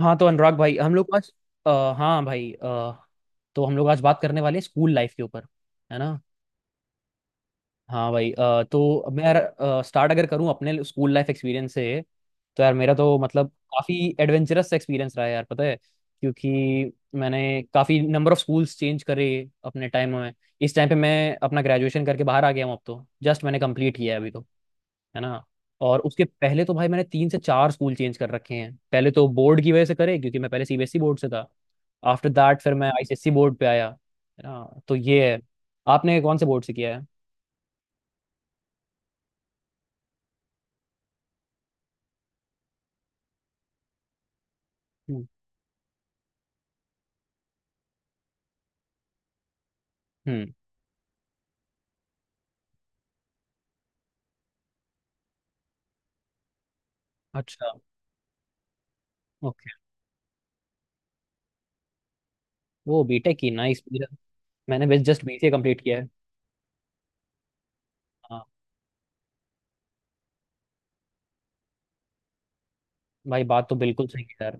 हाँ तो अनुराग भाई हम लोग आज हाँ भाई तो हम लोग आज बात करने वाले हैं स्कूल लाइफ के ऊपर। है ना। हाँ भाई। तो मैं यार स्टार्ट अगर करूँ अपने स्कूल लाइफ एक्सपीरियंस से तो यार मेरा तो मतलब काफ़ी एडवेंचरस एक्सपीरियंस रहा है यार। पता है क्योंकि मैंने काफ़ी नंबर ऑफ स्कूल्स चेंज करे अपने टाइम में। इस टाइम पे मैं अपना ग्रेजुएशन करके बाहर आ गया हूँ अब तो। जस्ट मैंने कंप्लीट किया है अभी तो। है ना। और उसके पहले तो भाई मैंने 3 से 4 स्कूल चेंज कर रखे हैं। पहले तो बोर्ड की वजह से करे क्योंकि मैं पहले सीबीएसई बोर्ड से था। आफ्टर दैट फिर मैं आईसीएसई बोर्ड पे आया। है ना तो ये है। आपने कौन से बोर्ड से किया है। हम्म हम्म, अच्छा। ओके। वो बीटेक की नाइस। मैंने बस जस्ट बीसीए कंप्लीट किया है। हाँ भाई बात तो बिल्कुल सही है यार।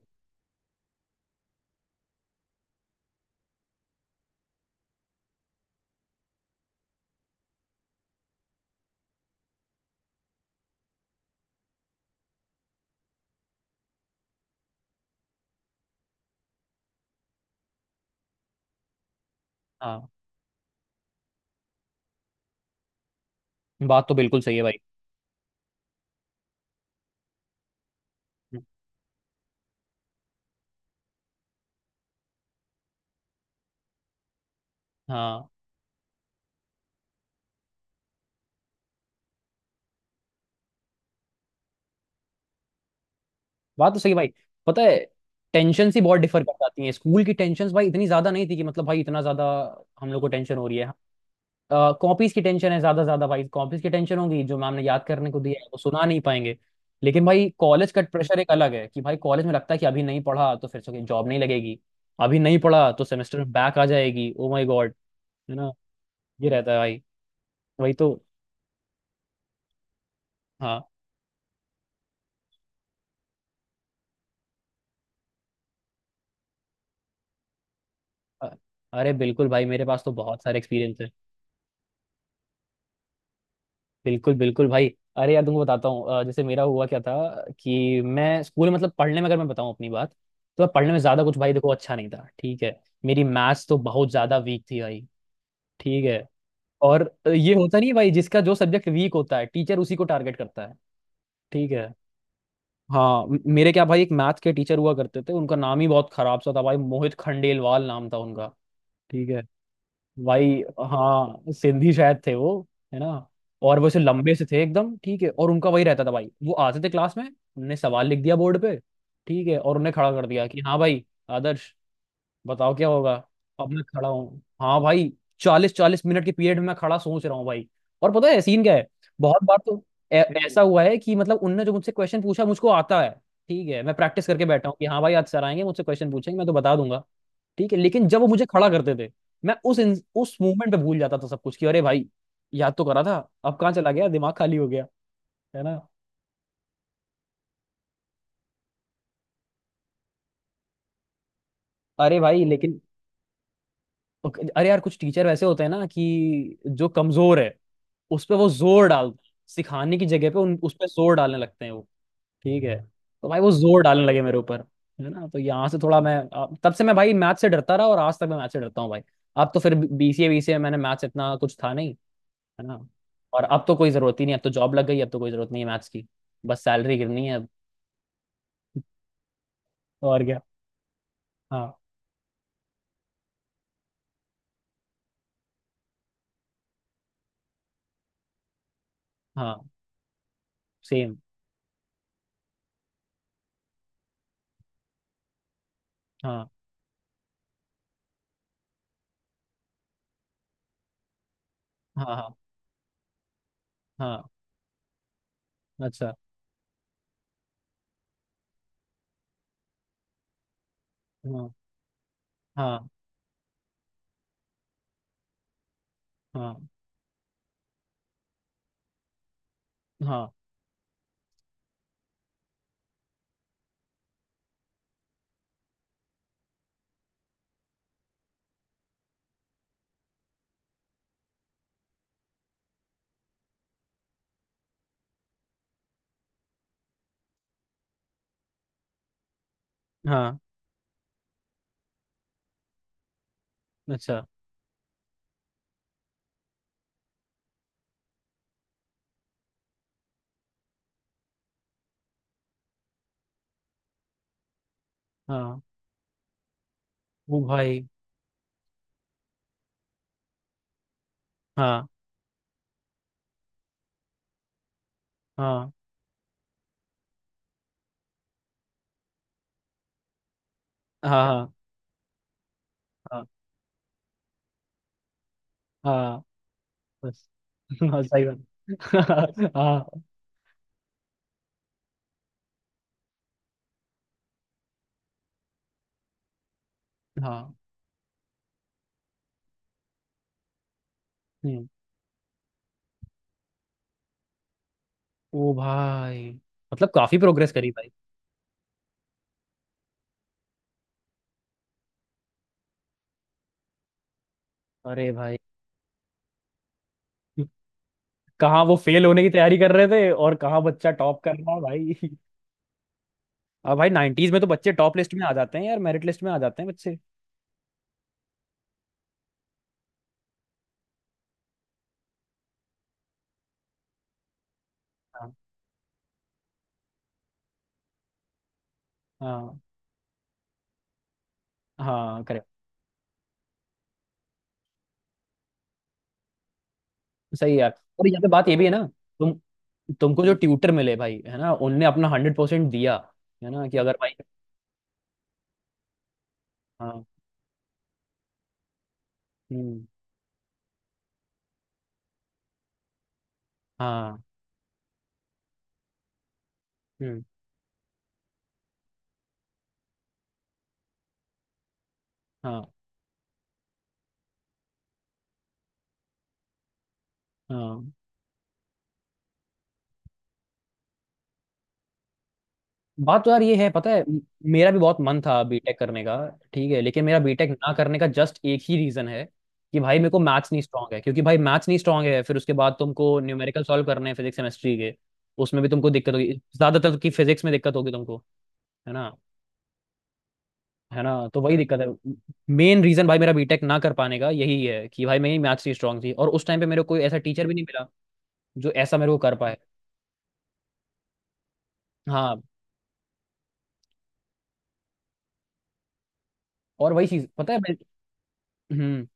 हाँ बात तो बिल्कुल सही है भाई। हाँ बात तो सही है भाई। पता है टेंशन ही बहुत डिफर कर जाती हैं। स्कूल की टेंशन भाई इतनी ज्यादा नहीं थी कि मतलब भाई इतना ज्यादा हम लोग को टेंशन हो रही है। कॉपीज की टेंशन है ज्यादा। ज्यादा भाई कॉपीज की टेंशन होगी जो मैम ने याद करने को दिया है वो सुना नहीं पाएंगे। लेकिन भाई कॉलेज का प्रेशर एक अलग है कि भाई कॉलेज में लगता है कि अभी नहीं पढ़ा तो फिर से जॉब नहीं लगेगी। अभी नहीं पढ़ा तो सेमेस्टर में बैक आ जाएगी। Oh my god. है ना। ये रहता है भाई। वही तो। हाँ। अ- अरे बिल्कुल भाई मेरे पास तो बहुत सारे एक्सपीरियंस है। बिल्कुल बिल्कुल भाई। अरे यार तुमको बताता हूँ। जैसे मेरा हुआ क्या था कि मैं स्कूल में मतलब पढ़ने में अगर मैं बताऊँ अपनी बात तो मैं पढ़ने में ज्यादा कुछ भाई देखो अच्छा नहीं था। ठीक है। मेरी मैथ्स तो बहुत ज्यादा वीक थी भाई। ठीक है। और ये होता नहीं है भाई जिसका जो सब्जेक्ट वीक होता है टीचर उसी को टारगेट करता है। ठीक है। हाँ मेरे क्या भाई एक मैथ के टीचर हुआ करते थे। उनका नाम ही बहुत खराब सा था भाई। मोहित खंडेलवाल नाम था उनका। ठीक है भाई। हाँ सिंधी शायद थे वो। है ना। और वो ऐसे लंबे से थे एकदम। ठीक है और उनका वही रहता था भाई वो आते थे क्लास में। उनने सवाल लिख दिया बोर्ड पे। ठीक है और उन्हें खड़ा कर दिया कि हाँ भाई आदर्श बताओ क्या होगा। अब मैं खड़ा हूँ हाँ भाई। 40 40 मिनट के पीरियड में मैं खड़ा सोच रहा हूँ भाई। और पता है सीन क्या है। बहुत बार तो ऐसा हुआ है कि मतलब उनने जो मुझसे क्वेश्चन पूछा मुझको आता है। ठीक है। मैं प्रैक्टिस करके बैठा हूँ कि हाँ भाई आज सर आएंगे मुझसे क्वेश्चन पूछेंगे मैं तो बता दूंगा। ठीक है लेकिन जब वो मुझे खड़ा करते थे मैं उस उस मूवमेंट पे भूल जाता था सब कुछ। कि अरे भाई याद तो करा था। अब कहाँ चला गया। दिमाग खाली हो गया। है ना। अरे भाई लेकिन अरे यार कुछ टीचर वैसे होते हैं ना कि जो कमजोर है उस पे वो जोर डाल सिखाने की जगह पे उन उस पे जोर डालने लगते हैं वो। ठीक है। तो भाई वो जोर डालने लगे मेरे ऊपर। है ना तो यहाँ से थोड़ा मैं तब से मैं भाई मैथ से डरता रहा और आज तक मैं मैथ से डरता हूँ भाई। अब तो फिर बीसीए बीसीए में मैंने मैथ्स इतना कुछ था नहीं। है ना। और अब तो कोई जरूरत ही नहीं। अब तो जॉब लग गई। अब तो कोई जरूरत नहीं है मैथ्स की। बस सैलरी गिरनी है अब। और क्या। हाँ हाँ सेम। हाँ हाँ हाँ हाँ अच्छा। हाँ हाँ हाँ हाँ हाँ अच्छा। हाँ। वो भाई। हाँ हाँ हाँ हाँ हाँ हाँ, बस। हाँ सही बात। हाँ हाँ। हम्म। ओ भाई। मतलब काफी प्रोग्रेस करी भाई। अरे भाई। कहाँ वो फेल होने की तैयारी कर रहे थे और कहाँ बच्चा टॉप कर रहा है भाई। अब भाई 90s में तो बच्चे टॉप लिस्ट में आ जाते हैं यार। मेरिट लिस्ट में आ जाते हैं बच्चे। हाँ हाँ। हाँ करेक्ट। सही है यार। और यहाँ पे बात ये भी है ना। तुम तुमको जो ट्यूटर मिले भाई है ना उनने अपना 100% दिया। है ना कि अगर भाई। हाँ। हम्म। हाँ। हम्म। हाँ हाँ बात तो यार ये है। पता है मेरा भी बहुत मन था बीटेक करने का। ठीक है लेकिन मेरा बीटेक ना करने का जस्ट एक ही रीजन है कि भाई मेरे को मैथ्स नहीं स्ट्रांग है क्योंकि भाई मैथ्स नहीं स्ट्रांग है फिर उसके बाद तुमको न्यूमेरिकल सॉल्व करने हैं फिजिक्स केमिस्ट्री के। उसमें भी तुमको दिक्कत होगी। ज्यादातर की फिजिक्स में दिक्कत होगी तुमको। है ना। है ना तो वही दिक्कत है। मेन रीजन भाई मेरा बीटेक ना कर पाने का यही है कि भाई मेरी मैथ्स नहीं स्ट्रांग थी और उस टाइम पे मेरे को कोई ऐसा टीचर भी नहीं मिला जो ऐसा मेरे को कर पाए। हाँ और वही चीज पता है हम्म।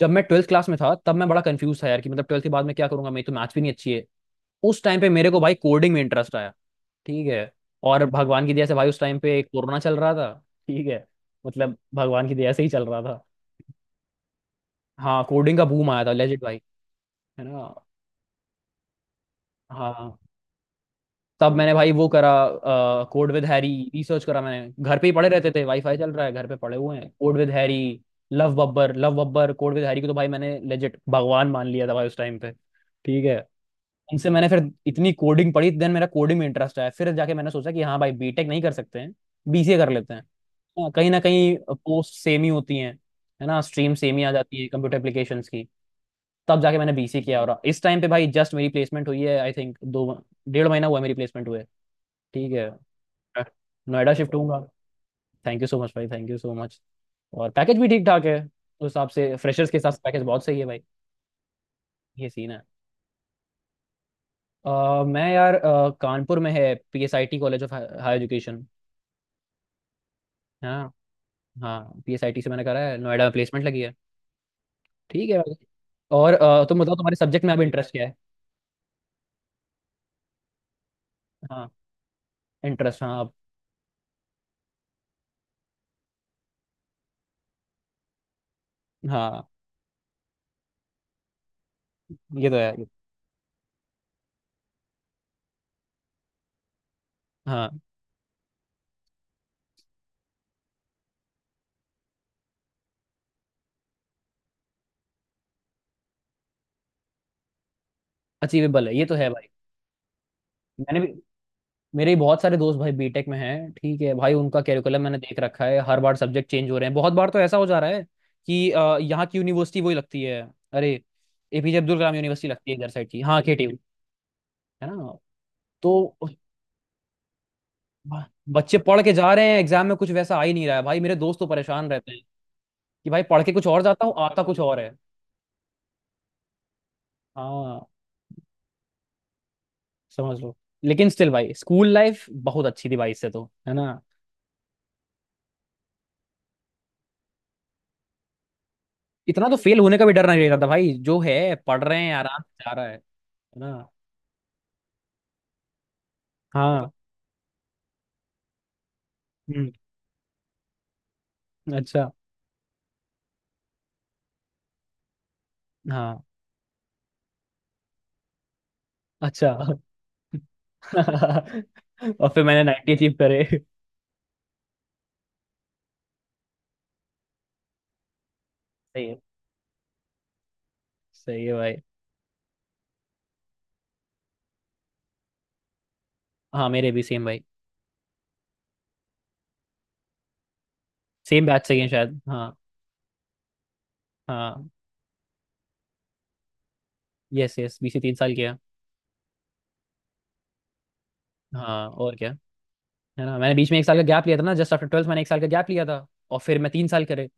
जब मैं ट्वेल्थ क्लास में था तब मैं बड़ा कंफ्यूज था यार कि मतलब ट्वेल्थ के बाद मैं क्या करूंगा मेरी तो मैथ्स भी नहीं अच्छी है। उस टाइम पे मेरे को भाई कोडिंग में इंटरेस्ट आया। ठीक है। और भगवान की दया से भाई उस टाइम पे कोरोना चल रहा था। ठीक है। मतलब भगवान की दया से ही चल रहा था। हाँ कोडिंग का बूम आया था लेजिट भाई। है ना। हाँ। तब मैंने भाई वो करा कोड विद हैरी। रिसर्च करा मैंने। घर पे ही पड़े रहते थे। वाईफाई चल रहा है। घर पे पड़े हुए हैं code with Harry. Love Babbar code with Harry को तो भाई मैंने लेजिट भगवान मान लिया था भाई उस टाइम पे। ठीक है। उनसे मैंने फिर इतनी कोडिंग पढ़ी। देन मेरा कोडिंग में इंटरेस्ट आया। फिर जाके मैंने सोचा कि हाँ भाई बीटेक नहीं कर सकते हैं बीसीए कर लेते हैं। हाँ, कहीं ना कहीं पोस्ट सेम ही होती हैं। है ना। स्ट्रीम सेम ही आ जाती है कंप्यूटर एप्लीकेशंस की। तब जाके मैंने बीसी किया और इस टाइम पे भाई जस्ट मेरी प्लेसमेंट हुई है। आई थिंक दो डेढ़ महीना हुआ है मेरी प्लेसमेनट हुए। ठीक है। नोएडा शिफ्ट होऊंगा। थैंक यू सो मच भाई। Thank you so much. और पैकेज भी ठीक ठाक है उस हिसाब से। फ्रेशर्स के हिसाब से पैकेज बहुत सही है भाई। ये सीन है। अ, मैं यार कानपुर में है PSIT college of higher education. हाँ। हाँ पीएसआईटी से मैंने करा है। नोएडा में प्लेसमेंट लगी है। ठीक है भाई। और तुम बताओ तुम्हारे सब्जेक्ट में अभी इंटरेस्ट क्या है। हाँ इंटरेस्ट। हाँ हाँ ये तो है। हाँ अचीवेबल है। ये तो है भाई। मैंने भी मेरे भी बहुत सारे दोस्त भाई बीटेक में हैं। ठीक है भाई उनका कैरिकुलम मैंने देख रखा है। हर बार सब्जेक्ट चेंज हो रहे हैं। बहुत बार तो ऐसा हो जा रहा है कि यहाँ की यूनिवर्सिटी वही लगती है। अरे एपीजे अब्दुल कलाम यूनिवर्सिटी लगती है इधर साइड की। हाँ केटीयू। है ना तो ब- बच्चे पढ़ के जा रहे हैं एग्जाम में कुछ वैसा आ ही नहीं रहा है भाई। मेरे दोस्त तो परेशान रहते हैं कि भाई पढ़ के कुछ और जाता हूँ आता कुछ और है। हाँ समझ लो। लेकिन स्टिल भाई स्कूल लाइफ बहुत अच्छी थी भाई इससे तो। है ना। इतना तो फेल होने का भी डर नहीं रहता था भाई। जो है पढ़ रहे हैं आराम से जा रहा है। है ना। हाँ। हम्म, अच्छा। हाँ अच्छा। और फिर मैंने 90 अचीव करे। सही है। सही है भाई। हाँ मेरे भी सेम भाई। सेम बैच से ही हैं शायद। हाँ हाँ। यस यस बीसी 3 साल किया। हाँ और क्या। है ना मैंने बीच में 1 साल का गैप लिया था ना जस्ट आफ्टर ट्वेल्थ मैंने 1 साल का गैप लिया था। और फिर मैं 3 साल करे।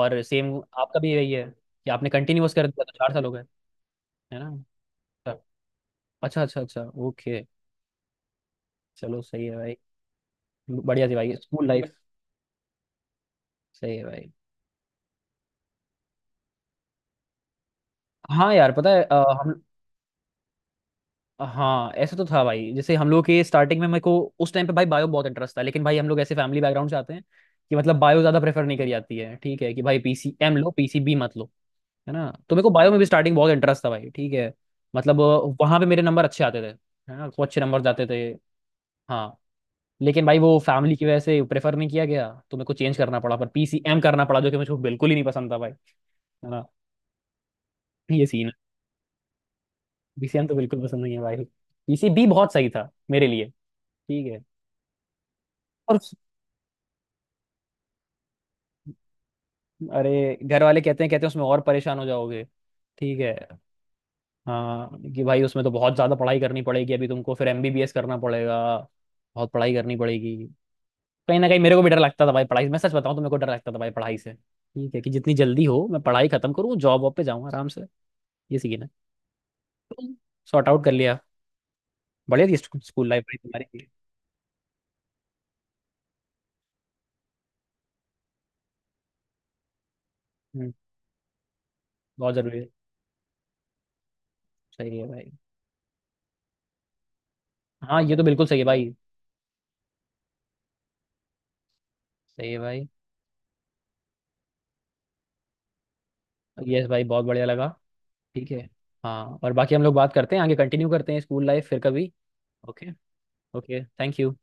और सेम आपका भी यही है कि आपने कंटिन्यूअस कर दिया तो 4 साल हो गए। है ना। अच्छा अच्छा अच्छा अच्छा। ओके। चलो सही है भाई। बढ़िया थी भाई स्कूल लाइफ। सही है भाई। हाँ यार पता है हम। हाँ ऐसा तो था भाई जैसे हम लोग के स्टार्टिंग में मेरे को उस टाइम पे भाई बायो बहुत इंटरेस्ट था लेकिन भाई हम लोग ऐसे फैमिली बैकग्राउंड से आते हैं कि मतलब बायो ज़्यादा प्रेफर नहीं करी जाती है। ठीक है कि भाई पीसीएम लो पीसीबी मत लो। है ना तो मेरे को बायो में भी स्टार्टिंग बहुत इंटरेस्ट था भाई। ठीक है। मतलब वहां पे मेरे नंबर अच्छे आते थे। है ना तो अच्छे नंबर जाते थे। हाँ लेकिन भाई वो फैमिली की वजह से प्रेफर नहीं किया गया तो मेरे को चेंज करना पड़ा पर पीसीएम करना पड़ा जो कि मुझे बिल्कुल ही नहीं पसंद था भाई। है ना। ये सीन है। पीसीएम तो बिल्कुल पसंद नहीं है भाई। पीसीबी बहुत सही था मेरे लिए। ठीक है। और अरे घर वाले कहते हैं उसमें और परेशान हो जाओगे। ठीक है। हाँ कि भाई उसमें तो बहुत ज्यादा पढ़ाई करनी पड़ेगी अभी तुमको। फिर एमबीबीएस करना पड़ेगा। बहुत पढ़ाई करनी पड़ेगी। कहीं ना कहीं मेरे को भी डर लगता था भाई पढ़ाई से। मैं सच बताऊं तो मेरे को डर लगता था भाई पढ़ाई से। ठीक है। कि जितनी जल्दी हो मैं पढ़ाई खत्म करूँ जॉब वॉब पे जाऊँ आराम से। ये सीखना है। सॉर्ट आउट कर लिया। बढ़िया थी स्कूल लाइफ भाई तुम्हारी भी। हम्म, बहुत जरूरी है। सही है भाई। हाँ ये तो बिल्कुल सही है भाई। सही है भाई। यस भाई बहुत बढ़िया लगा। ठीक है। हाँ और बाकी हम लोग बात करते हैं आगे कंटिन्यू करते हैं स्कूल लाइफ फिर कभी। ओके। Okay thank you.